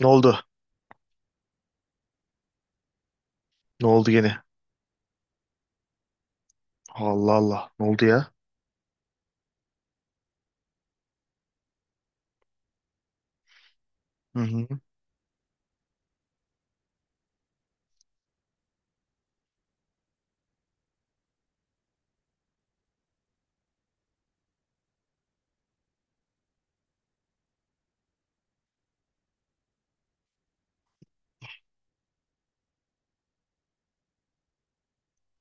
Ne oldu? Ne oldu gene? Allah Allah. Ne oldu ya? Hı hı.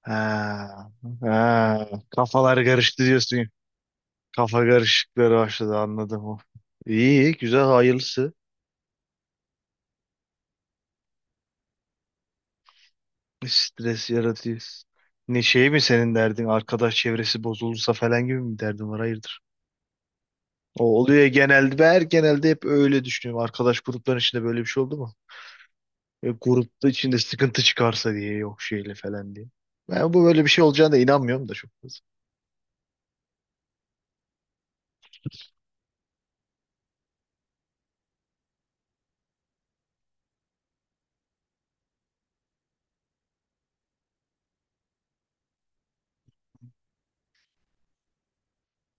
Ha, ha. Kafalar karıştı diyorsun. Kafa karışıkları başladı anladım. İyi, iyi, güzel, hayırlısı. Stres yaratıyor. Ne şey mi senin derdin? Arkadaş çevresi bozulursa falan gibi mi derdin var? Hayırdır? O oluyor genelde. Ben her genelde hep öyle düşünüyorum. Arkadaş grupların içinde böyle bir şey oldu mu? Grupta içinde sıkıntı çıkarsa diye yok şeyle falan diye. Ben bu böyle bir şey olacağına da inanmıyorum da çok fazla.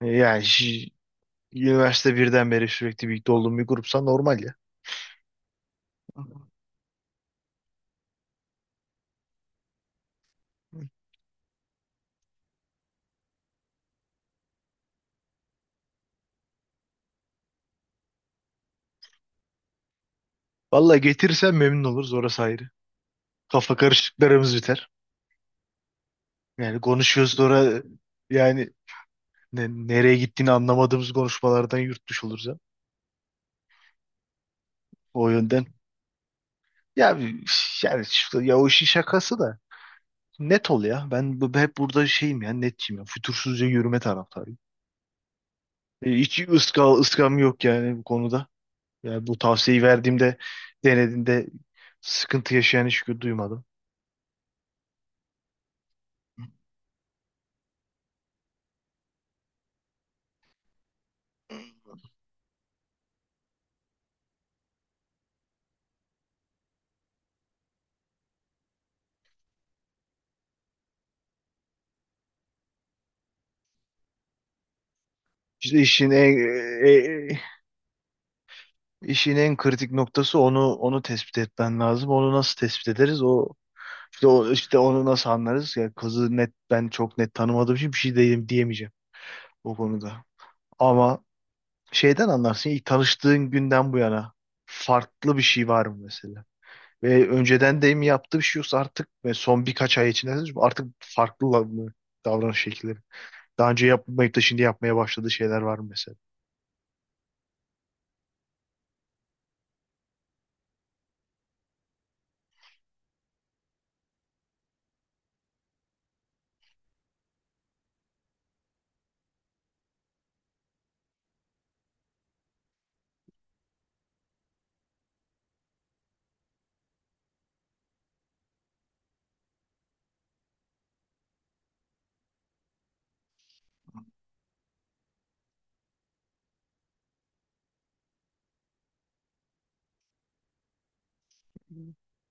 E, Yani şi- Üniversite birden beri sürekli birlikte olduğum bir grupsa normal ya. Vallahi getirirsen memnun oluruz orası ayrı. Kafa karışıklarımız biter. Yani konuşuyoruz sonra yani nereye gittiğini anlamadığımız konuşmalardan yurtmuş oluruz ya. O yönden. Ya o işin şakası da net ol ya. Hep burada şeyim ya netçiyim ya. Fütursuzca yürüme taraftarıyım. Hiç ıskam yok yani bu konuda. Yani bu tavsiyeyi verdiğimde denediğinde sıkıntı yaşayan hiç duymadım. İşte işin en e, e, işin en kritik noktası onu tespit etmen lazım. Onu nasıl tespit ederiz? O işte, o, işte onu nasıl anlarız? Ya kızı net ben çok net tanımadığım için bir şey diyeyim, diyemeyeceğim o konuda. Ama şeyden anlarsın ilk tanıştığın günden bu yana farklı bir şey var mı mesela? Ve önceden de mi yaptığı bir şey yoksa artık ve son birkaç ay içinde artık farklı mı davranış şekilleri? Daha önce yapmayıp da şimdi yapmaya başladığı şeyler var mı mesela?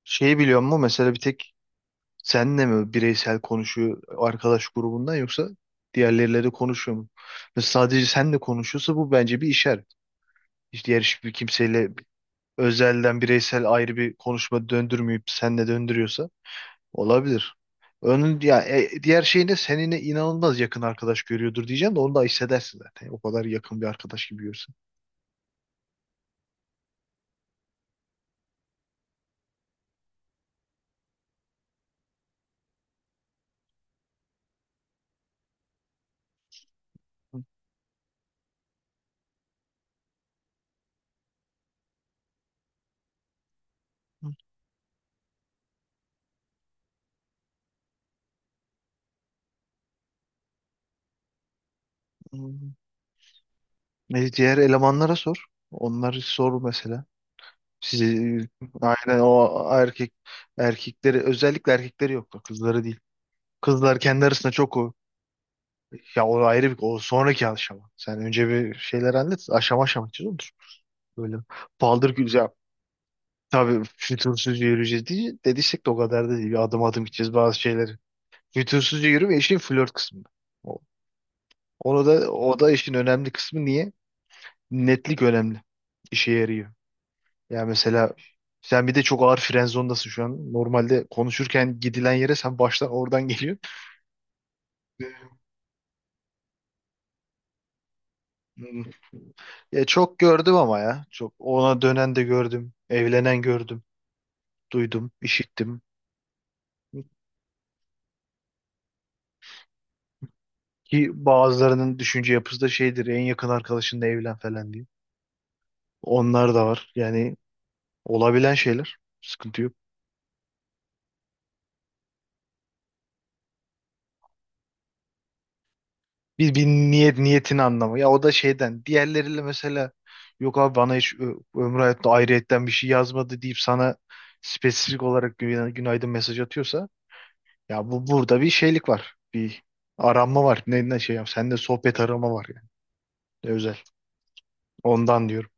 Şeyi biliyor musun? Mesela bir tek senle mi bireysel konuşuyor arkadaş grubundan yoksa diğerleriyle de konuşuyor mu? Ve sadece senle konuşuyorsa bu bence bir işaret. Hiç diğer hiçbir kimseyle özelden bireysel ayrı bir konuşma döndürmeyip senle döndürüyorsa olabilir. Onun ya diğer şey ne? Seninle inanılmaz yakın arkadaş görüyordur diyeceğim de onu da hissedersin zaten. O kadar yakın bir arkadaş gibi görürsün. Hı. Diğer elemanlara sor. Onları sor mesela. Sizi, aynen o erkekleri özellikle erkekleri yoktu. Kızları değil. Kızlar kendi arasında çok o. Ya o ayrı bir o sonraki aşama. Sen önce bir şeyler hallet. Aşama aşama gideceğiz olur. Böyle paldır güzel. Tabii fütursuzca yürüyeceğiz diye dediysek de o kadar da değil. Bir adım adım gideceğiz bazı şeyleri. Fütursuzca yürüme işin flört kısmı. O, Onu da o da işin önemli kısmı niye? Netlik önemli. İşe yarıyor. Ya mesela sen bir de çok ağır fren zondasın şu an. Normalde konuşurken gidilen yere sen baştan oradan geliyorsun. Hmm. Ya çok gördüm ama ya. Çok ona dönen de gördüm. Evlenen gördüm. Duydum, işittim. Ki bazılarının düşünce yapısı da şeydir. En yakın arkadaşınla evlen falan diye. Onlar da var. Yani olabilen şeyler. Sıkıntı yok. Bir niyetin anlamı. Ya o da şeyden. Diğerleriyle mesela yok abi bana hiç ömrü hayatta ayrıyetten bir şey yazmadı deyip sana spesifik olarak günaydın mesaj atıyorsa ya bu burada bir şeylik var. Bir aranma var. Ne şey yap. Sende sohbet arama var yani. Ne özel. Ondan diyorum.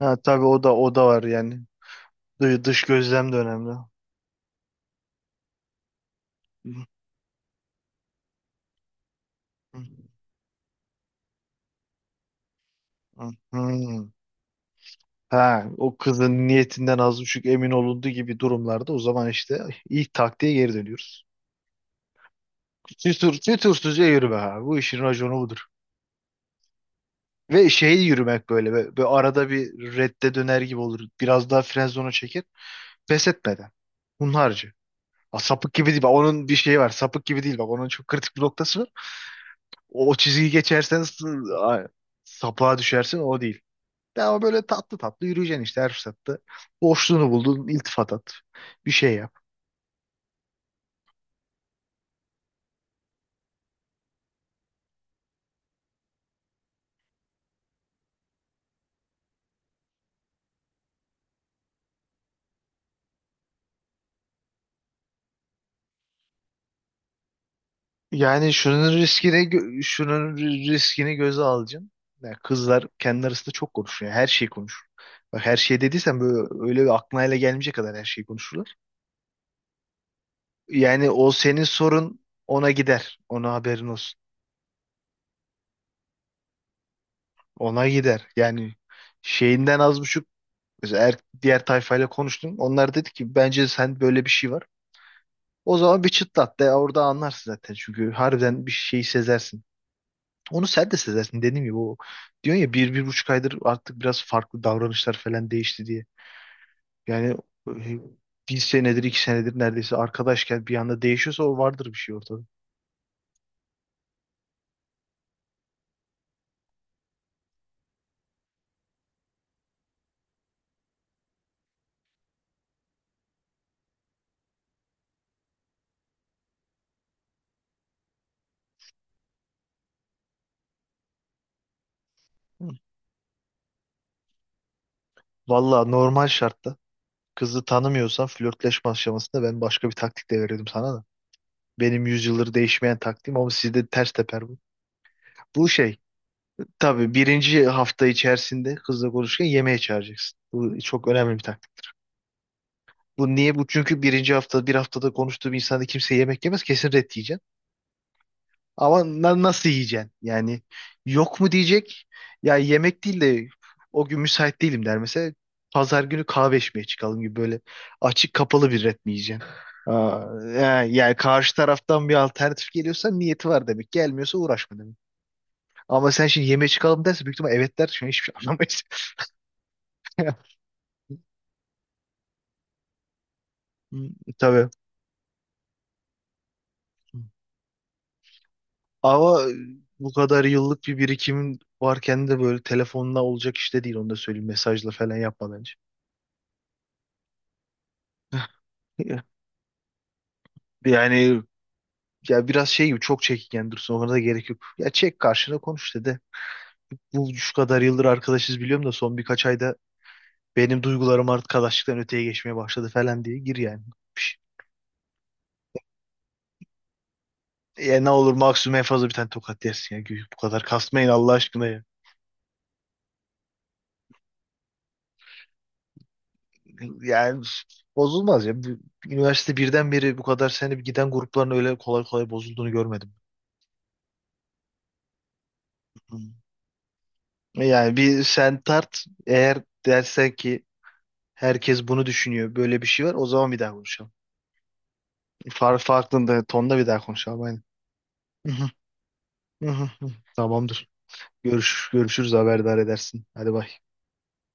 Ha tabii o da var yani. Dış gözlem de önemli. Hmm. Ha, o kızın niyetinden az buçuk emin olunduğu gibi durumlarda o zaman işte ilk taktiğe geri dönüyoruz. Tütürsüzce yürüme abi. Bu işin raconu budur. Ve şey yürümek böyle. Ve arada bir redde döner gibi olur. Biraz daha fren zonu çeker, pes etmeden. Hunharca. Aa, sapık gibi değil. Bak, onun bir şeyi var. Sapık gibi değil. Bak onun çok kritik bir noktası var. O çizgiyi geçersen a- sapığa düşersin. O değil. Ama böyle tatlı tatlı yürüyeceksin işte her fırsatta. Boşluğunu buldun. İltifat at. Bir şey yap. Yani şunun riskini göze alacaksın. Yani kızlar kendi arasında çok konuşuyor. Her şeyi konuşur. Bak her şey dediysen böyle öyle bir aklına hele gelmeyecek kadar her şeyi konuşurlar. Yani o senin sorun ona gider. Ona haberin olsun. Ona gider. Yani şeyinden az buçuk mesela diğer tayfayla konuştun. Onlar dedi ki bence sen böyle bir şey var. O zaman bir çıtlat de orada anlarsın zaten. Çünkü harbiden bir şeyi sezersin. Onu sen de sezersin dediğim gibi o diyorsun ya bir buçuk aydır artık biraz farklı davranışlar falan değişti diye. Yani e, bir senedir iki senedir neredeyse arkadaşken bir anda değişiyorsa o vardır bir şey ortada. Hı. Valla normal şartta kızı tanımıyorsan flörtleşme aşamasında ben başka bir taktik de verirdim sana da. Benim yüzyıldır değişmeyen taktiğim ama sizde ters teper bu. Bu şey tabii birinci hafta içerisinde kızla konuşurken yemeğe çağıracaksın. Bu çok önemli bir taktik. Bu niye bu? Çünkü birinci hafta bir haftada konuştuğum insanda kimse yemek yemez kesin ret yiyeceksin. Ama nasıl yiyeceksin? Yani yok mu diyecek? Ya yemek değil de o gün müsait değilim der mesela. Pazar günü kahve içmeye çıkalım gibi böyle açık kapalı bir ret mi yiyeceksin? Aa, yani karşı taraftan bir alternatif geliyorsa niyeti var demek. Gelmiyorsa uğraşma demek. Ama sen şimdi yemeğe çıkalım derse büyük ihtimal evet der. Şimdi hiçbir şey anlamayız. Hı, tabii. Ama bu kadar yıllık bir birikimin varken de böyle telefonla olacak işte değil onu da söyleyeyim. Mesajla falan yapma bence. Ya- Yani ya biraz şey gibi çok çekingen dursun ona da gerek yok. Ya çek karşına konuş dedi. Bu şu kadar yıldır arkadaşız biliyorum da son birkaç ayda benim duygularım artık arkadaşlıktan öteye geçmeye başladı falan diye gir yani. Pş, Ya ne olur maksimum en fazla bir tane tokat yersin ya. Bu kadar kasmayın Allah aşkına ya. Yani bozulmaz ya. Üniversite birden beri bu kadar sene giden grupların öyle kolay kolay bozulduğunu görmedim. Hı. Yani bir sen tart eğer dersen ki herkes bunu düşünüyor böyle bir şey var o zaman bir daha konuşalım. Farklı tonda bir daha konuşalım aynen. Hı hı, hı hı. Tamamdır. Görüşürüz haberdar edersin. Hadi bay.